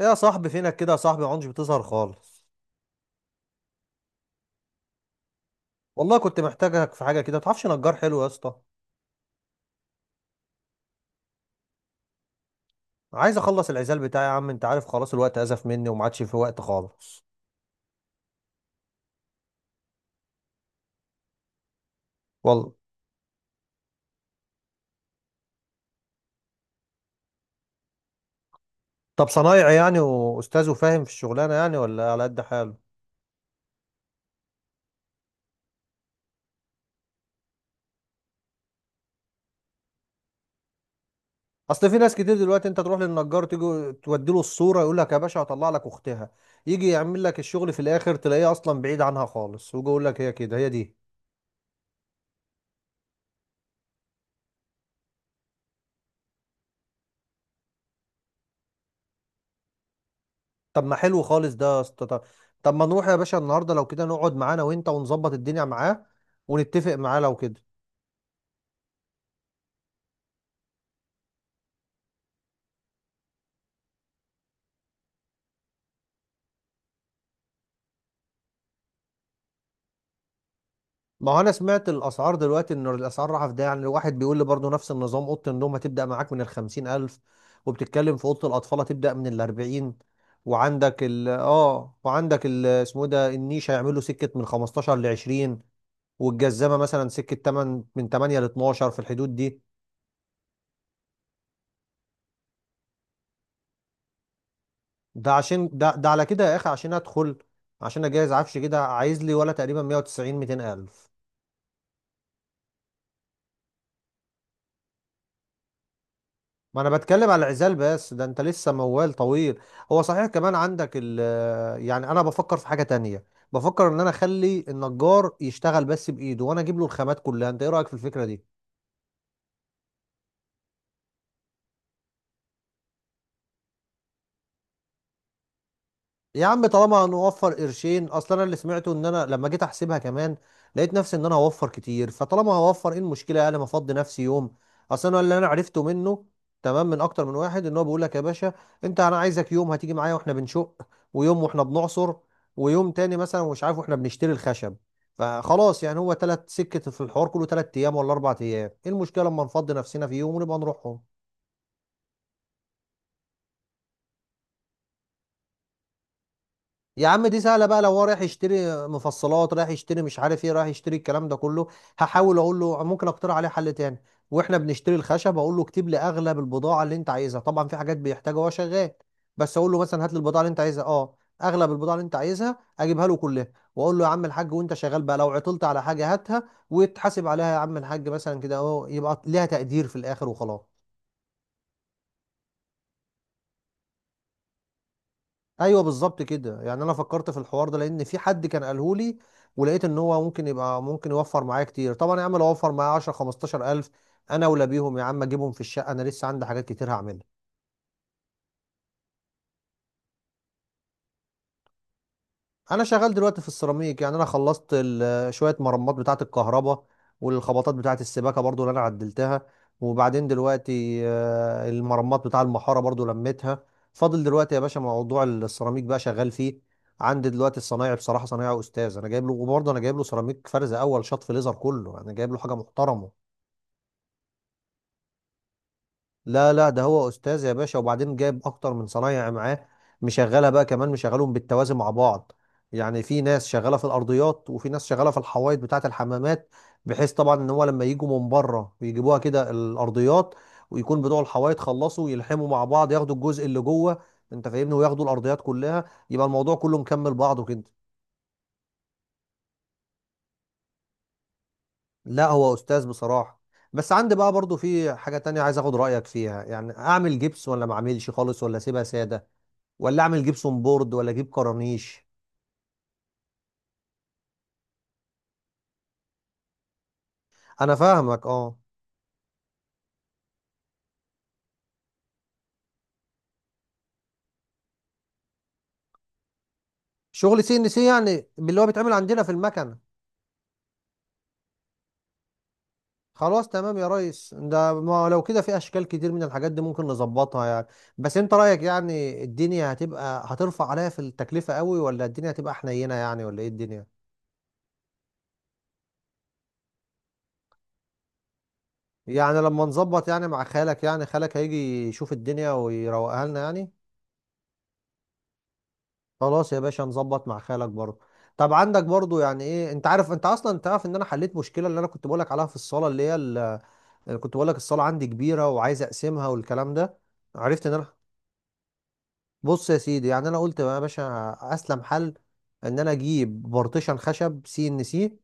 إيه يا صاحبي؟ فينك كده يا صاحبي؟ ما عندش بتظهر خالص. والله كنت محتاجك في حاجه كده. متعرفش نجار حلو يا اسطى؟ عايز اخلص العزال بتاعي يا عم. انت عارف، خلاص الوقت ازف مني وما عادش في وقت خالص. والله. طب صنايعي يعني واستاذ وفاهم في الشغلانه يعني، ولا على قد حاله؟ اصل في ناس كتير دلوقتي، انت تروح للنجار تيجي تودي له الصوره يقول لك يا باشا هطلع لك اختها. يجي يعمل لك الشغل في الاخر تلاقيه اصلا بعيد عنها خالص، ويجي يقول لك هي كده، هي دي. طب ما حلو خالص ده يا اسطى. طب، طب ما نروح يا باشا النهارده لو كده، نقعد معانا وانت ونظبط الدنيا معاه، ونتفق معاه لو كده. ما هو انا سمعت الاسعار دلوقتي ان الاسعار رايحه في ده، يعني الواحد بيقول لي برضه نفس النظام، اوضه النوم هتبدا معاك من الخمسين الف. وبتتكلم في اوضه الاطفال، هتبدا من الاربعين. وعندك ال اسمه إيه ده، النيش هيعملوا سكه من 15 ل 20. والجزامه مثلا سكه 8 من 8 ل 12، في الحدود دي. ده عشان ده على كده يا اخي، عشان ادخل، عشان اجهز عفش كده، عايز لي ولا تقريبا 190 200 الف. ما انا بتكلم على العزال بس، ده انت لسه موال طويل. هو صحيح كمان عندك ال. يعني انا بفكر في حاجة تانية. بفكر ان انا اخلي النجار يشتغل بس بايده، وانا اجيب له الخامات كلها. انت ايه رأيك في الفكرة دي؟ يا عم طالما هنوفر قرشين، اصل انا اللي سمعته، ان انا لما جيت احسبها كمان لقيت نفسي ان انا هوفر كتير. فطالما هوفر، ايه المشكله يعني؟ ما افضي نفسي يوم. اصل انا اللي انا عرفته منه تمام من اكتر من واحد، ان هو بيقول لك يا باشا: انت، انا عايزك يوم هتيجي معايا واحنا بنشق، ويوم واحنا بنعصر، ويوم تاني مثلا مش عارف واحنا بنشتري الخشب. فخلاص يعني هو 3 سكة في الحوار كله، 3 ايام ولا 4 ايام، ايه المشكله لما نفضي نفسنا في يوم ونبقى نروحهم؟ يا عم دي سهله بقى، لو هو رايح يشتري مفصلات، رايح يشتري مش عارف ايه، رايح يشتري الكلام ده كله. هحاول اقول له ممكن اقترح عليه حل تاني. واحنا بنشتري الخشب اقول له اكتب لي اغلب البضاعه اللي انت عايزها، طبعا في حاجات بيحتاجها وهو شغال، بس اقول له مثلا هات لي البضاعه اللي انت عايزها اه اغلب البضاعه اللي انت عايزها اجيبها له كلها. واقول له يا عم الحاج، وانت شغال بقى لو عطلت على حاجه هاتها وتحاسب عليها يا عم الحاج، مثلا كده اهو، يبقى ليها تقدير في الاخر وخلاص. ايوه بالظبط كده. يعني انا فكرت في الحوار ده لان في حد كان قاله لي، ولقيت ان هو ممكن يبقى ممكن يوفر معايا كتير. طبعا يا عم لو اوفر معايا 10 15 الف، انا اولى بيهم يا عم، اجيبهم في الشقه، انا لسه عندي حاجات كتير هعملها. انا شغال دلوقتي في السيراميك. يعني انا خلصت شويه مرمات بتاعه الكهرباء، والخبطات بتاعه السباكه برضو اللي انا عدلتها. وبعدين دلوقتي المرمات بتاع المحاره برضو لميتها. فاضل دلوقتي يا باشا موضوع السيراميك بقى، شغال فيه. عندي دلوقتي الصنايعي بصراحه صنايعي استاذ، انا جايب له، وبرضه انا جايب له سيراميك فرز اول شط في ليزر، كله انا جايب له حاجه محترمه. لا لا، ده هو استاذ يا باشا، وبعدين جايب اكتر من صنايعي معاه، مشغلها بقى كمان، مشغلهم بالتوازي مع بعض. يعني في ناس شغاله في الارضيات، وفي ناس شغاله في الحوايط بتاعه الحمامات، بحيث طبعا ان هو لما يجوا من بره ويجيبوها كده الارضيات، ويكون بتوع الحوايط خلصوا، يلحموا مع بعض، ياخدوا الجزء اللي جوه، انت فاهمني، وياخدوا الارضيات كلها، يبقى الموضوع كله مكمل بعضه كده. لا، هو استاذ بصراحه. بس عندي بقى برضو في حاجه تانية عايز اخد رايك فيها، يعني اعمل جبس ولا ما اعملش خالص ولا اسيبها ساده؟ ولا اعمل جبسون بورد ولا اجيب كرانيش؟ انا فاهمك، اه. شغل سي ان سي يعني، اللي هو بيتعمل عندنا في المكنه. خلاص تمام يا ريس، ده ما لو كده في اشكال كتير من الحاجات دي ممكن نظبطها يعني. بس انت رايك يعني، الدنيا هتبقى هترفع عليا في التكلفه قوي، ولا الدنيا هتبقى حنينه يعني، ولا ايه الدنيا؟ يعني لما نظبط يعني مع خالك، يعني خالك هيجي يشوف الدنيا ويروقها لنا يعني. خلاص يا باشا، نظبط مع خالك برضه. طب عندك برضه، يعني ايه، انت عارف، انت اصلا تعرف ان انا حليت مشكله اللي انا كنت بقولك عليها في الصاله، اللي هي اللي كنت بقولك الصاله عندي كبيره وعايز اقسمها والكلام ده. عرفت ان انا، بص يا سيدي، يعني انا قلت يا باشا اسلم حل ان انا اجيب بارتيشن خشب سي ان سي،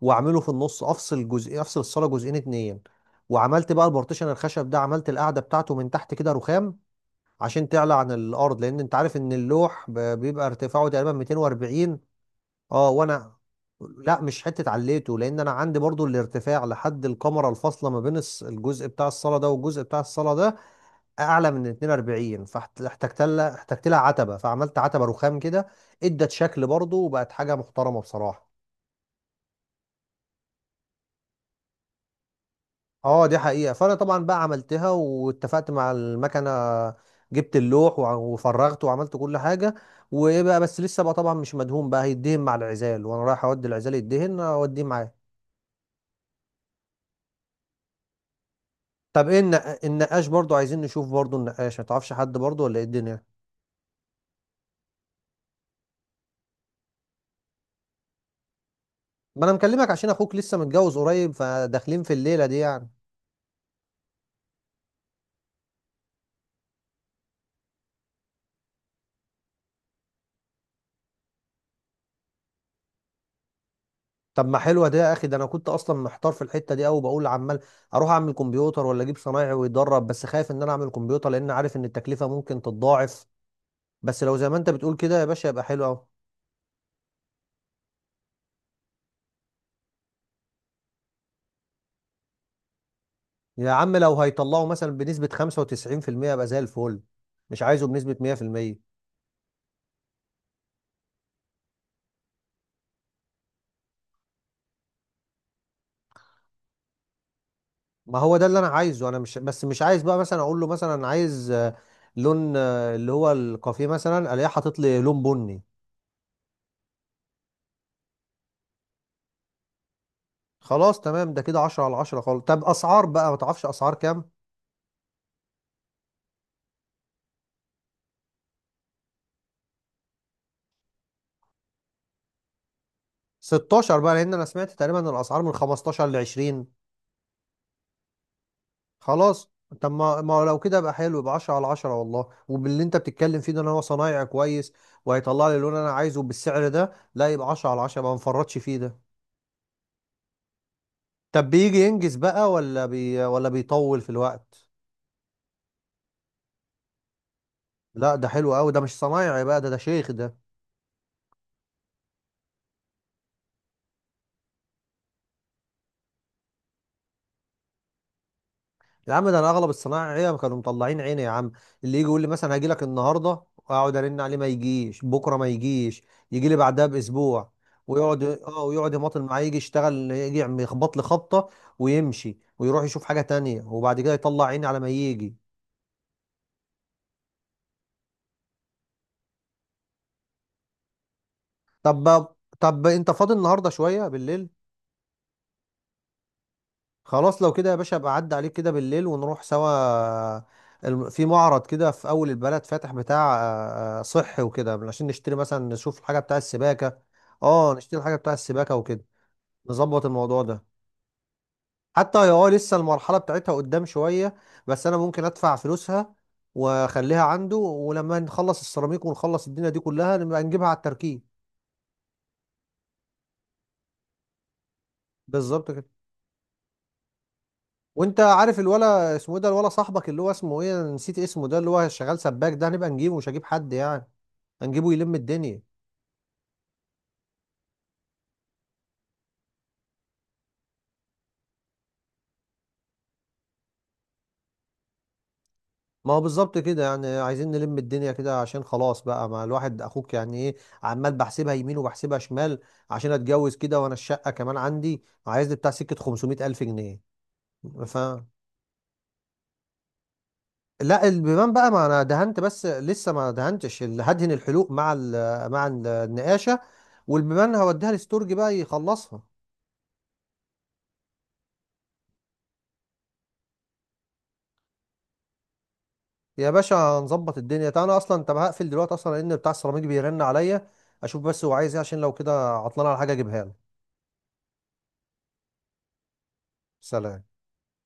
واعمله في النص، افصل الصاله جزئين اتنين. وعملت بقى البارتيشن الخشب ده، عملت القاعده بتاعته من تحت كده رخام عشان تعلى عن الارض، لان انت عارف ان اللوح بيبقى ارتفاعه تقريبا 240. اه وانا، لا مش حته عليته، لان انا عندي برضو الارتفاع لحد الكمره الفاصله ما بين الجزء بتاع الصاله ده والجزء بتاع الصاله ده، اعلى من 42. فاحتجت لها، احتجت لها عتبه، فعملت عتبه رخام كده، ادت شكل برضو وبقت حاجه محترمه بصراحه. اه دي حقيقه. فانا طبعا بقى عملتها واتفقت مع المكنه، جبت اللوح وفرغته وعملت كل حاجه. وايه بقى، بس لسه بقى طبعا مش مدهون بقى، هيدهن مع العزال وانا رايح اودي العزال يدهن، اوديه معايا. طب ايه النقاش؟ برضو عايزين نشوف برضو النقاش، ما تعرفش حد برضو، ولا ايه الدنيا؟ ما انا مكلمك عشان اخوك لسه متجوز قريب، فداخلين في الليله دي يعني. طب ما حلوه دي يا اخي. ده انا كنت اصلا محتار في الحته دي قوي، بقول عمال اروح اعمل كمبيوتر ولا اجيب صنايعي ويدرب، بس خايف ان انا اعمل كمبيوتر لان عارف ان التكلفه ممكن تتضاعف. بس لو زي ما انت بتقول كده يا باشا يبقى حلو قوي. يا عم لو هيطلعوا مثلا بنسبه 95%، يبقى زي الفل. مش عايزه بنسبه 100%. ما هو ده اللي انا عايزه. انا مش بس مش عايز بقى مثلا اقول له مثلا أنا عايز لون اللي هو الكافيه مثلا، الاقيه حاطط لي لون بني. خلاص تمام، ده كده 10 على 10 خالص. طب اسعار بقى، ما تعرفش اسعار كام؟ 16 بقى، لان انا سمعت تقريبا ان الاسعار من 15 ل 20. خلاص. طب ما لو كده يبقى حلو، يبقى 10 على 10 والله، وباللي انت بتتكلم فيه ده، ان هو صنايعي كويس وهيطلع لي اللون اللي انا عايزه بالسعر ده، لا يبقى 10 على 10، ما نفرطش فيه ده. طب بيجي ينجز بقى ولا بيطول في الوقت؟ لا، ده حلو قوي ده، مش صنايعي بقى ده شيخ ده. يا عم ده انا اغلب الصنايعيه كانوا مطلعين عيني يا عم، اللي يجي يقول لي مثلا هاجي لك النهارده واقعد ارن عليه ما يجيش، بكره ما يجيش، يجي لي بعدها باسبوع، ويقعد يماطل معايا، يجي يشتغل يجي يخبط لي خبطه ويمشي ويروح يشوف حاجه تانية، وبعد كده يطلع عيني على ما يجي. طب طب انت فاضي النهارده شويه بالليل؟ خلاص لو كده يا باشا ابقى عدى عليك كده بالليل ونروح سوا. في معرض كده في اول البلد فاتح بتاع صحي وكده، عشان نشتري مثلا، نشوف الحاجه بتاع السباكه. اه نشتري الحاجه بتاع السباكه وكده، نظبط الموضوع ده. حتى هي اه لسه المرحله بتاعتها قدام شويه، بس انا ممكن ادفع فلوسها واخليها عنده، ولما نخلص السيراميك ونخلص الدنيا دي كلها نبقى نجيبها على التركيب. بالظبط كده. وانت عارف الولا اسمه ايه ده، الولا صاحبك اللي هو اسمه ايه، انا نسيت اسمه ده، اللي هو شغال سباك ده هنبقى نجيبه، مش هجيب حد يعني، هنجيبه يلم الدنيا. ما هو بالظبط كده، يعني عايزين نلم الدنيا كده عشان خلاص بقى، ما الواحد اخوك يعني ايه، عمال بحسبها يمين وبحسبها شمال عشان اتجوز كده. وانا الشقة كمان عندي عايز لي بتاع سكة 500 الف جنيه. ف لا البيبان بقى، ما انا دهنت بس لسه ما دهنتش هدهن الحلوق مع النقاشة. والبيبان هوديها الاستورج بقى يخلصها. يا باشا هنظبط الدنيا، تعالى انا اصلا. طب هقفل دلوقتي اصلا لان بتاع السيراميك بيرن عليا، اشوف بس هو عايز ايه عشان لو كده عطلان على حاجه اجيبها له. سلام.